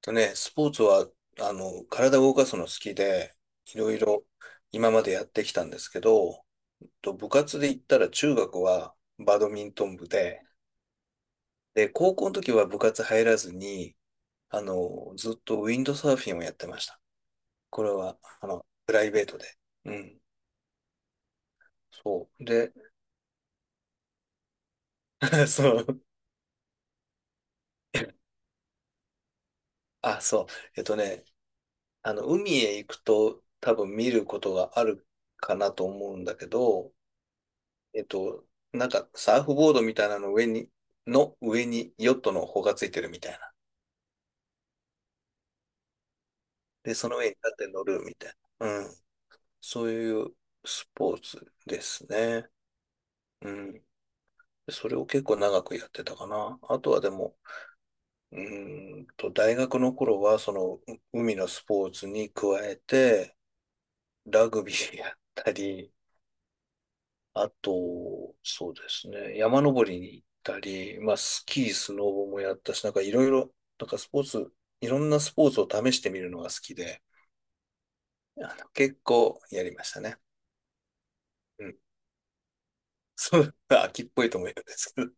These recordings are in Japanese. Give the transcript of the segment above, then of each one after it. とね、スポーツは、体を動かすの好きで、いろいろ今までやってきたんですけど、と部活で言ったら中学はバドミントン部で、高校の時は部活入らずに、ずっとウィンドサーフィンをやってました。これは、プライベートで。うん。そう。で、そう。あ、そう。えっとね、海へ行くと多分見ることがあるかなと思うんだけど、えっと、サーフボードみたいなの上に、の上にヨットの帆がついてるみたいな。で、その上に立って乗るみたいな。うん。そういうスポーツですね。うん。それを結構長くやってたかな。あとはでも、大学の頃はそのう海のスポーツに加えて、ラグビーやったり、あと、そうですね、山登りに行ったり、まあ、スキー、スノボもやったし、いろんなスポーツを試してみるのが好きで、結構やりましたね。うん。そう、秋っぽいと思うんですけど、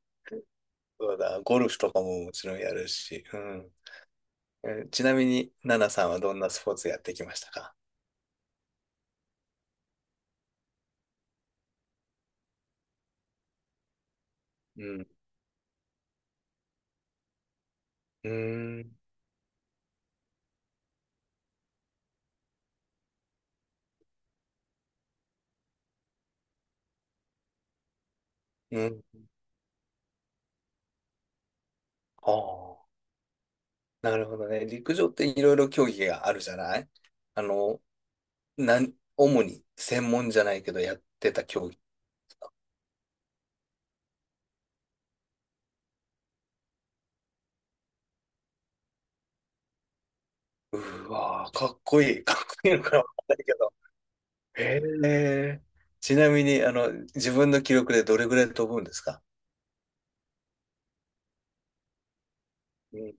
そうだ、ゴルフとかももちろんやるし、うん。えーちなみに、ナナさんはどんなスポーツやってきましたか？うん。うーん。うん。ああ、なるほどね。陸上っていろいろ競技があるじゃない？あの、主に専門じゃないけどやってた競技。うわー、かっこいい。かっこいいのかわかんないけど。へえ。ちなみに、自分の記録でどれぐらい飛ぶんですか？うん。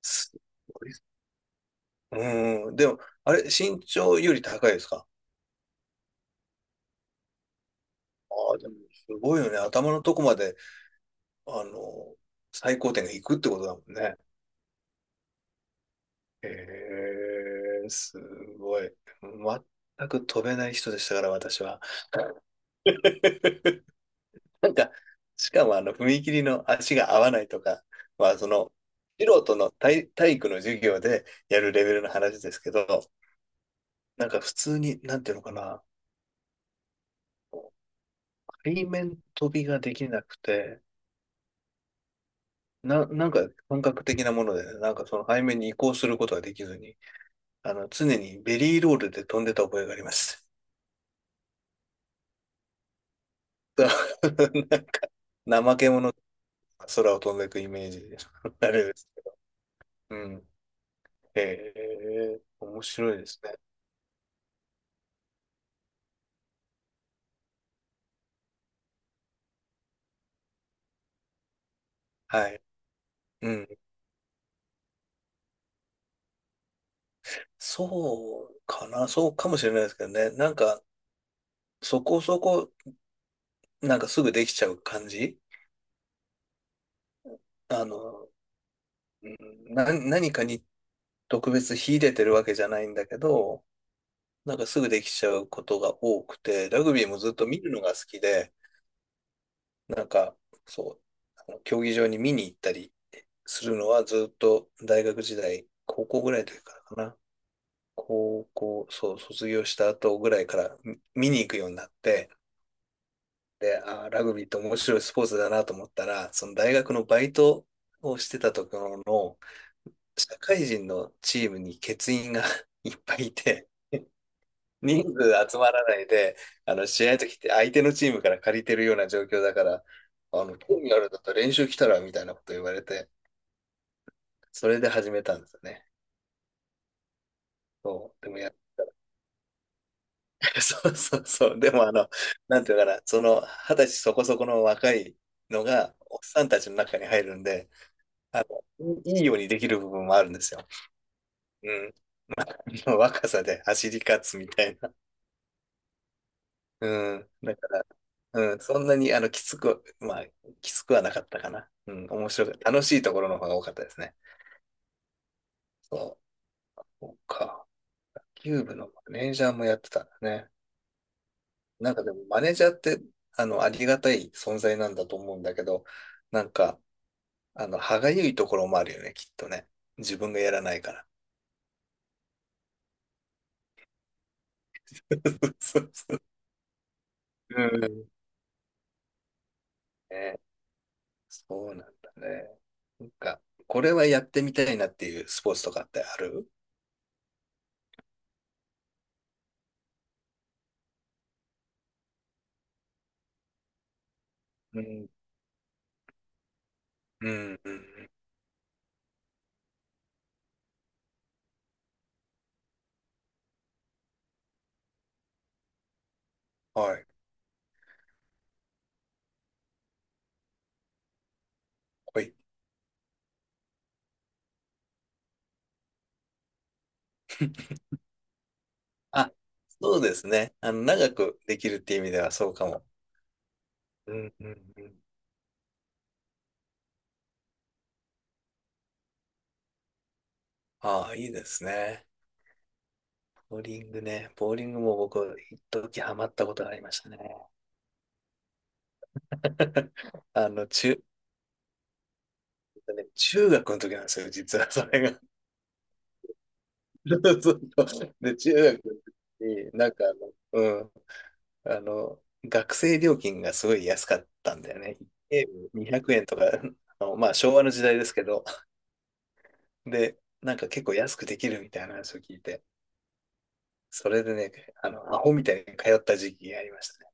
すごい。うん。でも、あれ、身長より高いですか？ああでも、すごいよね。頭のとこまで、あの、最高点がいくってことだもんね。へえ、すごい。全く飛べない人でしたから、私は。なんか、しかも、踏切の足が合わないとか、まあその、素人の体、体育の授業でやるレベルの話ですけど、なんか普通に、なんていうのかな、背面飛びができなくて、なんか感覚的なものでね、なんかその背面に移行することができずに、常にベリーロールで飛んでた覚えがあります。なんか、怠け者が空を飛んでいくイメージで、あれですけど。うん。へえ、面白いですね。はい。うん。そうかな、そうかもしれないですけどね。なんか、そこそこ、なんかすぐできちゃう感じ。あの、うんな、何かに特別秀でてるわけじゃないんだけど、なんかすぐできちゃうことが多くて、ラグビーもずっと見るのが好きで、なんか、そう、競技場に見に行ったりするのはずっと大学時代、高校ぐらいの時からかな。高校、そう、卒業した後ぐらいから見に行くようになって、で、あー、ラグビーって面白いスポーツだなと思ったら、その大学のバイトをしてたところの社会人のチームに欠員が いっぱいいて、人数集まらないで、あの試合の時って相手のチームから借りてるような状況だから、興味あるんだったら練習来たらみたいなこと言われて、それで始めたんですよね。そう、でもや、そうそうそう、でもあの、なんていうのかな、その二十歳そこそこの若いのが、おっさんたちの中に入るんで、あいいようにできる部分もあるんですよ。うん。若さで走り勝つみたいな。うん。だから、うん、そんなに、きつくはなかったかな。うん、面白く、楽しいところの方が多かったですね。そう。そうか。キューブのマネージャーもやってたんだね。なんかでも、マネージャーって、ありがたい存在なんだと思うんだけど、なんか、歯がゆいところもあるよね、きっとね。自分がやらないから。そうそう。うん。ね、そうなんだね。なんか、これはやってみたいなっていうスポーツとかってある？うん、うん、うん、はい、はい。あ、そうですね。長くできるっていう意味ではそうかも。うん、うん、うん。ああ、いいですね。ボーリングね。ボーリングも僕、一時ハマったことがありましたね。あの、中、ね中学の時なんですよ、実はそれが。そうそうそうで、中学の時に、あの、学生料金がすごい安かったんだよね。ゲーム200円とか、あのまあ昭和の時代ですけど、で、なんか結構安くできるみたいな話を聞いて、それでね、アホみたいに通った時期がありましたね。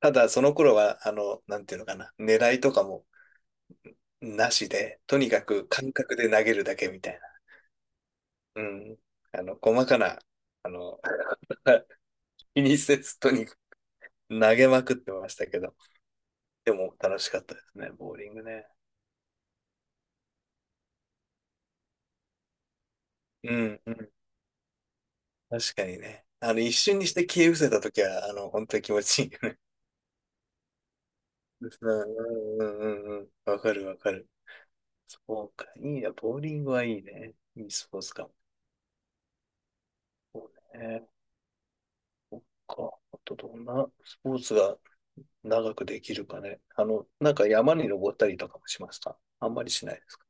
ただ、その頃は、なんていうのかな、狙いとかもなしで、とにかく感覚で投げるだけみたいな。うん。細かな、あの、気にせず、とにかく投げまくってましたけど、でも楽しかったですね、ボーリングね。うん。確かにね。一瞬にして消え失せたときは、本当に気持ちいいよね。うんうんうんうんうん。わかるわかる。そうか。いいや、ボーリングはいいね。いいスポーツかも。そうね。そっか。あとどんなスポーツが長くできるかね。あの、なんか山に登ったりとかもしますか？あんまりしないですか？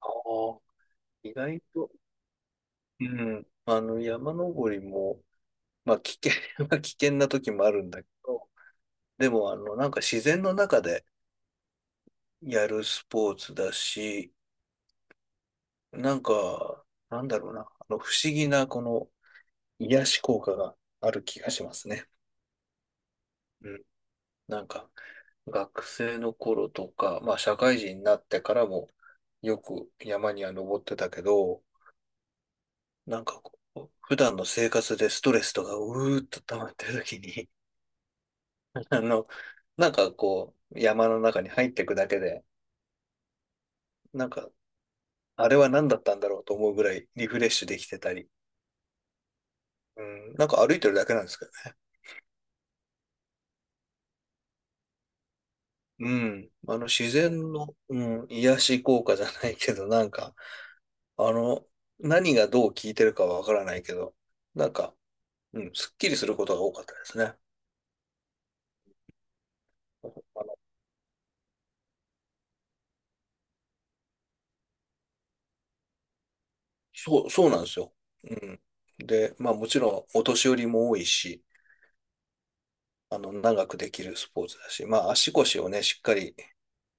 ああ、意外と、うん、あの山登りも、まあ危険は 危険な時もあるんだけど、でもあのなんか自然の中でやるスポーツだし、なんか、なんだろうな、あの不思議なこの癒し効果がある気がしますね。うん。なんか、学生の頃とか、まあ社会人になってからもよく山には登ってたけど、なんかこう、普段の生活でストレスとかうーっと溜まってる時に、あの、なんかこう、山の中に入っていくだけで、なんか、あれは何だったんだろうと思うぐらいリフレッシュできてたり、うん、なんか歩いてるだけなんですけど。うん。自然の、うん、癒し効果じゃないけど、なんか、あの、何がどう効いてるかはわからないけど、なんか、うん、すっきりすることが多かったですね。の、そう、そうなんですよ。うん。で、まあもちろん、お年寄りも多いし、長くできるスポーツだし、まあ足腰をね、しっかり、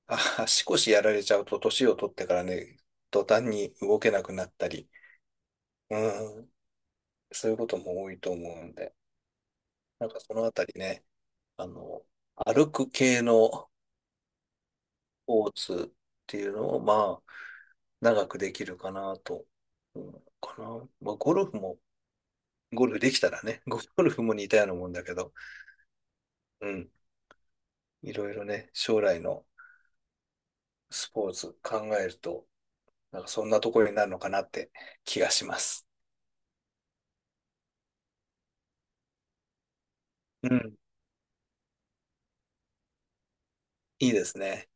あ、足腰やられちゃうと、年を取ってからね、途端に動けなくなったり、うん、そういうことも多いと思うんで、なんかそのあたりね、あの、歩く系のスポーツっていうのを、まあ、長くできるかなと、うん、かな。まあ、ゴルフも、ゴルフできたらね、ゴルフも似たようなもんだけど、うん、いろいろね、将来のスポーツ考えると、なんかそんなところになるのかなって気がします。うん、いいですね。